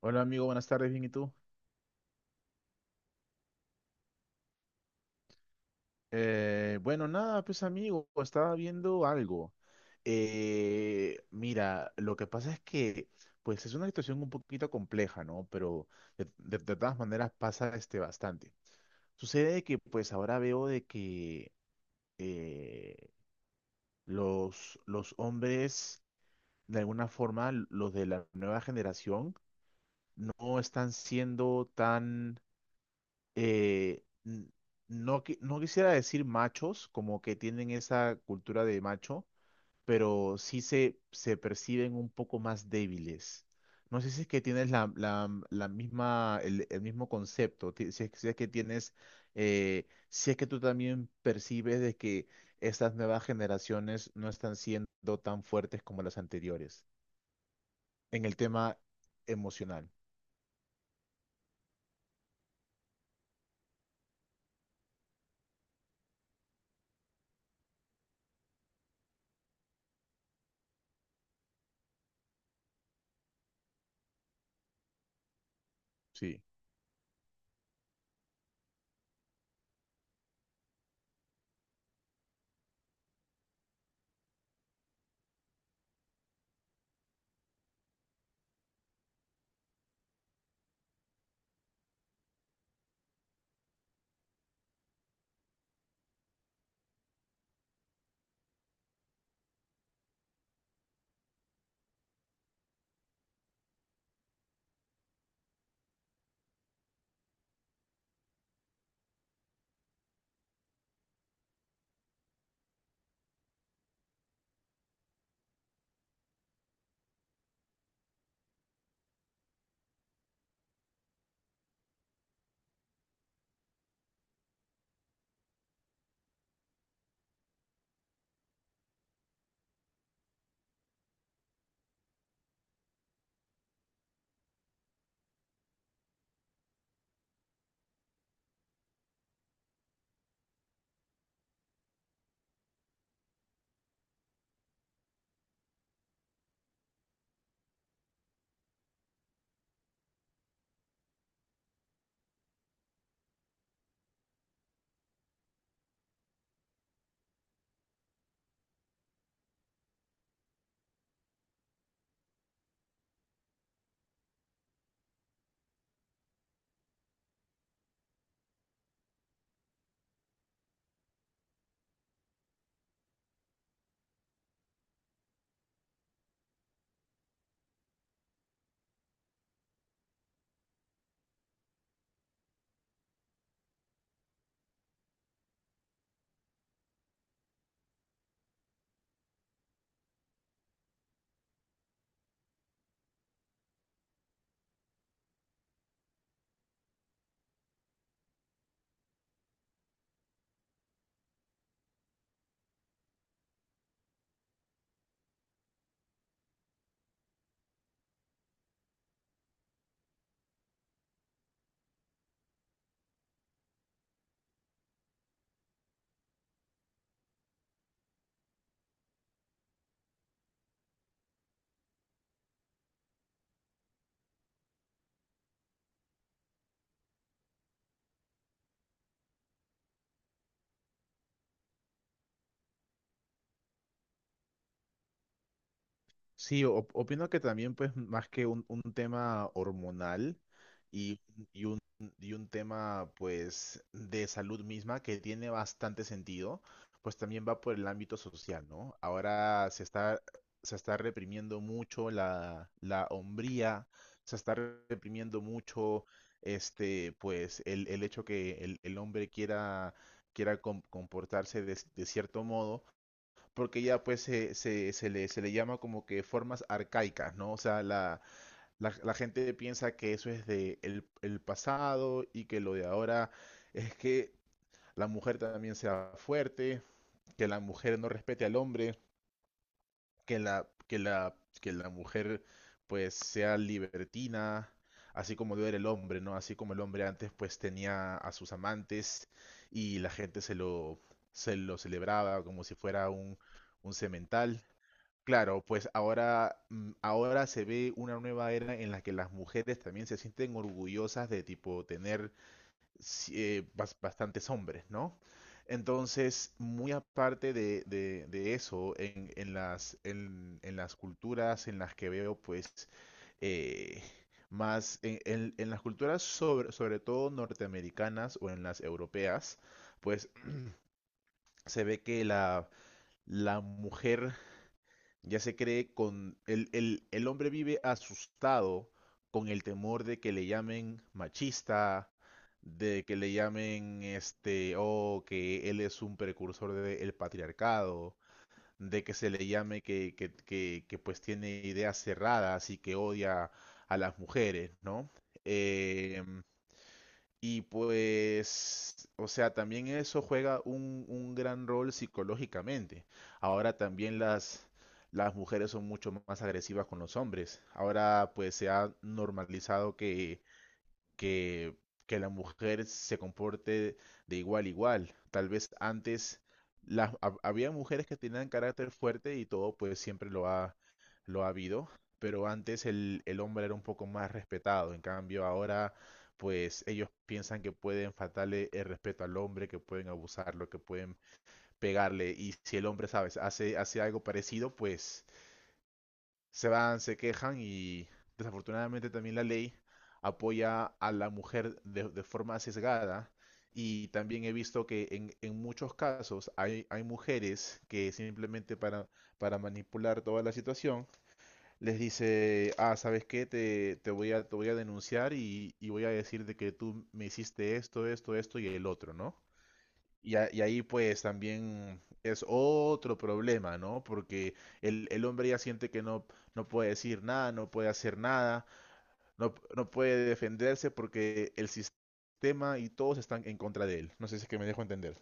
Hola amigo, buenas tardes, bien, ¿y tú? Bueno, nada, pues amigo, estaba viendo algo. Mira, lo que pasa es que, pues es una situación un poquito compleja, ¿no? Pero de todas maneras pasa este bastante. Sucede que, pues ahora veo de que eh, los hombres, de alguna forma, los de la nueva generación, no están siendo tan eh, n- no quisiera decir machos, como que tienen esa cultura de macho, pero sí se perciben un poco más débiles. No sé si es que tienes la misma, el mismo concepto, si es, si es que tú también percibes de que estas nuevas generaciones no están siendo tan fuertes como las anteriores en el tema emocional. Sí. Sí, opino que también, pues, más que un tema hormonal y, y un tema, pues, de salud misma que tiene bastante sentido, pues también va por el ámbito social, ¿no? Se está reprimiendo mucho la hombría, se está reprimiendo mucho, este, pues, el hecho que el hombre quiera, quiera comportarse de cierto modo porque ya pues se le llama como que formas arcaicas, ¿no? O sea, la gente piensa que eso es de el pasado y que lo de ahora es que la mujer también sea fuerte, que la mujer no respete al hombre, que la mujer pues sea libertina, así como debe era el hombre, ¿no? Así como el hombre antes pues tenía a sus amantes y la gente se lo celebraba como si fuera un semental. Claro, pues ahora, ahora se ve una nueva era en la que las mujeres también se sienten orgullosas de tipo tener bastantes hombres, ¿no? Entonces, muy aparte de, de eso, en las culturas en las que veo, pues, eh, en las culturas sobre todo norteamericanas o en las europeas, pues se ve que la mujer ya se cree con... El hombre vive asustado con el temor de que le llamen machista, de que le llamen este, o que él es un precursor del patriarcado, de que se le llame pues tiene ideas cerradas y que odia a las mujeres, ¿no? Eh, y pues, o sea, también eso juega un gran rol psicológicamente. Ahora también las mujeres son mucho más agresivas con los hombres. Ahora pues se ha normalizado que, que la mujer se comporte de igual a igual. Tal vez antes había mujeres que tenían carácter fuerte y todo, pues siempre lo ha habido, pero antes el hombre era un poco más respetado. En cambio, ahora, pues ellos piensan que pueden faltarle el respeto al hombre, que pueden abusarlo, que pueden pegarle. Y si el hombre, ¿sabes?, hace, hace algo parecido, pues se van, se quejan y desafortunadamente también la ley apoya a la mujer de forma sesgada y también he visto que en muchos casos hay, hay mujeres que simplemente para manipular toda la situación les dice, ah, ¿sabes qué? Te voy a denunciar y voy a decirte que tú me hiciste esto, esto, esto y el otro, ¿no? Y ahí pues también es otro problema, ¿no? Porque el hombre ya siente que no, no puede decir nada, no puede hacer nada, no puede defenderse porque el sistema y todos están en contra de él. No sé si es que me dejo entender.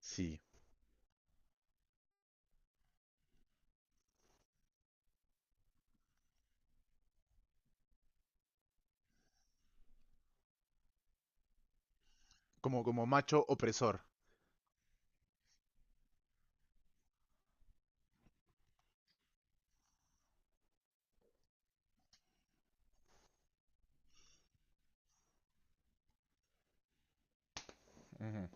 Sí. Como, como macho opresor. Ujú.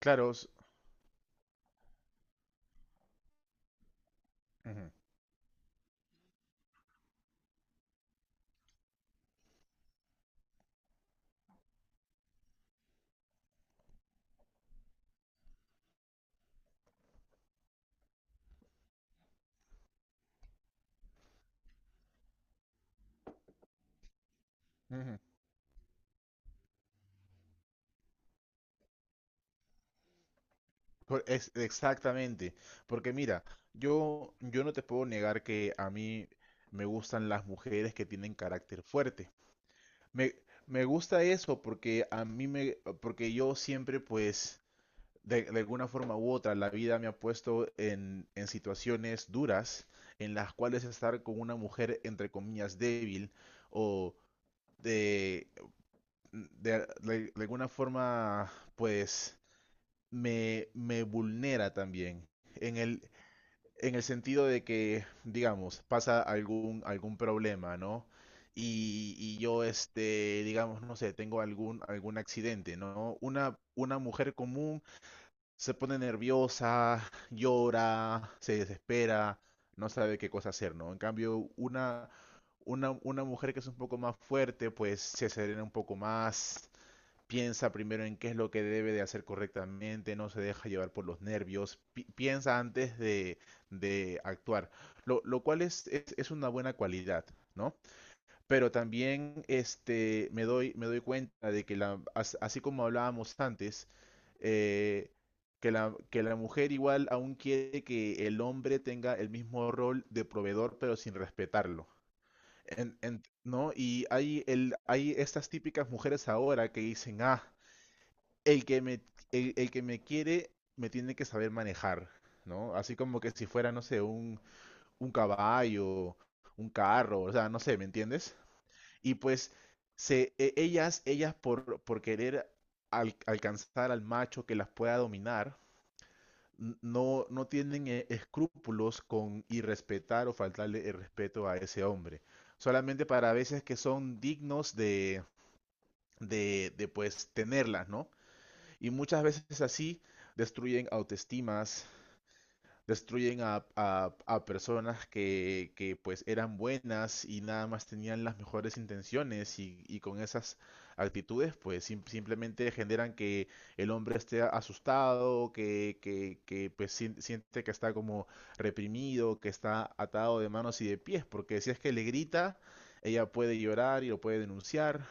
Claro, ujú, ujú. Exactamente, porque mira, yo no te puedo negar que a mí me gustan las mujeres que tienen carácter fuerte. Me, Me gusta eso porque porque yo siempre pues de alguna forma u otra la vida me ha puesto en situaciones duras en las cuales estar con una mujer entre comillas débil o de, de alguna forma pues me vulnera también. En el, en el sentido de que, digamos, pasa algún, algún problema, ¿no? Y yo, este, digamos, no sé, tengo algún, algún accidente, ¿no? Una mujer común se pone nerviosa, llora, se desespera, no sabe qué cosa hacer, ¿no? En cambio, una mujer que es un poco más fuerte, pues se serena un poco más, piensa primero en qué es lo que debe de hacer correctamente, no se deja llevar por los nervios, piensa antes de actuar, lo cual es una buena cualidad, ¿no? Pero también este, me doy cuenta de que así como hablábamos antes, eh, que la mujer igual aún quiere que el hombre tenga el mismo rol de proveedor, pero sin respetarlo. ¿No? Y hay, hay estas típicas mujeres ahora que dicen, ah, el que me, el que me quiere me tiene que saber manejar, ¿no? Así como que si fuera, no sé, un caballo, un carro, o sea, no sé, ¿me entiendes? Y pues ellas por querer alcanzar al macho que las pueda dominar, no tienen escrúpulos con irrespetar o faltarle el respeto a ese hombre. Solamente para veces que son dignos de pues tenerlas, ¿no? Y muchas veces así destruyen autoestimas, destruyen a personas que, pues eran buenas y nada más tenían las mejores intenciones y con esas actitudes pues simplemente generan que el hombre esté asustado, pues siente que está como reprimido, que está atado de manos y de pies, porque si es que le grita, ella puede llorar y lo puede denunciar,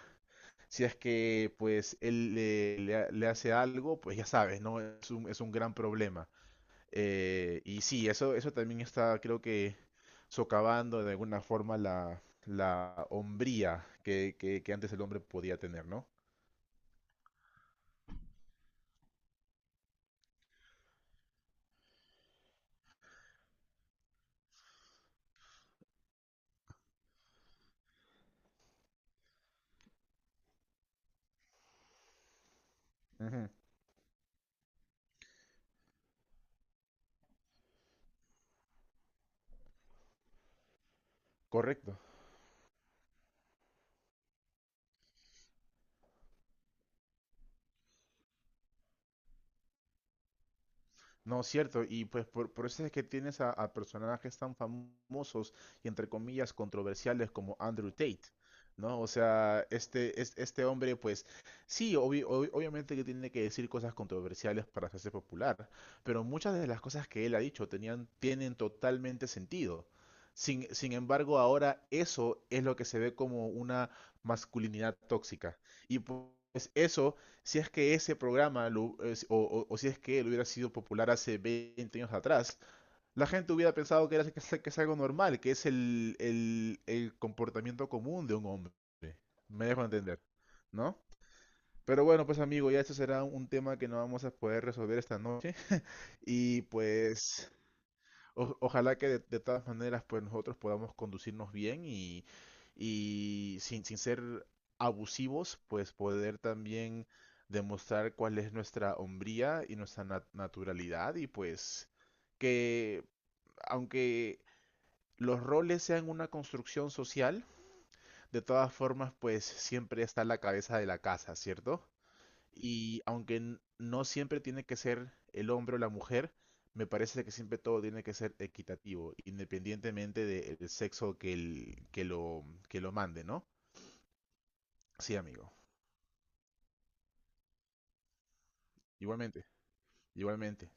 si es que pues él le hace algo, pues ya sabes, ¿no? Es un gran problema. Y sí, eso también está, creo que, socavando de alguna forma la hombría que antes el hombre podía tener, ¿no? Ujú. Correcto. No, cierto, y pues por eso es que tienes a personajes tan famosos y entre comillas controversiales como Andrew Tate, ¿no? O sea, este, este hombre, pues sí, obviamente que tiene que decir cosas controversiales para hacerse popular, pero muchas de las cosas que él ha dicho tienen totalmente sentido. Sin embargo, ahora eso es lo que se ve como una masculinidad tóxica. Pues eso si es que ese programa lo- es- o si es que él hubiera sido popular hace 20 años atrás, la gente hubiera pensado que es algo normal, que es el comportamiento común de un hombre. Me dejo entender, ¿no? Pero bueno, pues amigo, ya esto será un tema que no vamos a poder resolver esta noche. Y pues ojalá que de todas maneras pues nosotros podamos conducirnos bien y, sin ser abusivos, pues poder también demostrar cuál es nuestra hombría y nuestra naturalidad y pues que aunque los roles sean una construcción social, de todas formas pues siempre está la cabeza de la casa, ¿cierto? Y aunque no siempre tiene que ser el hombre o la mujer, me parece que siempre todo tiene que ser equitativo, independientemente del sexo que, que lo mande, ¿no? Sí, amigo. Igualmente, igualmente.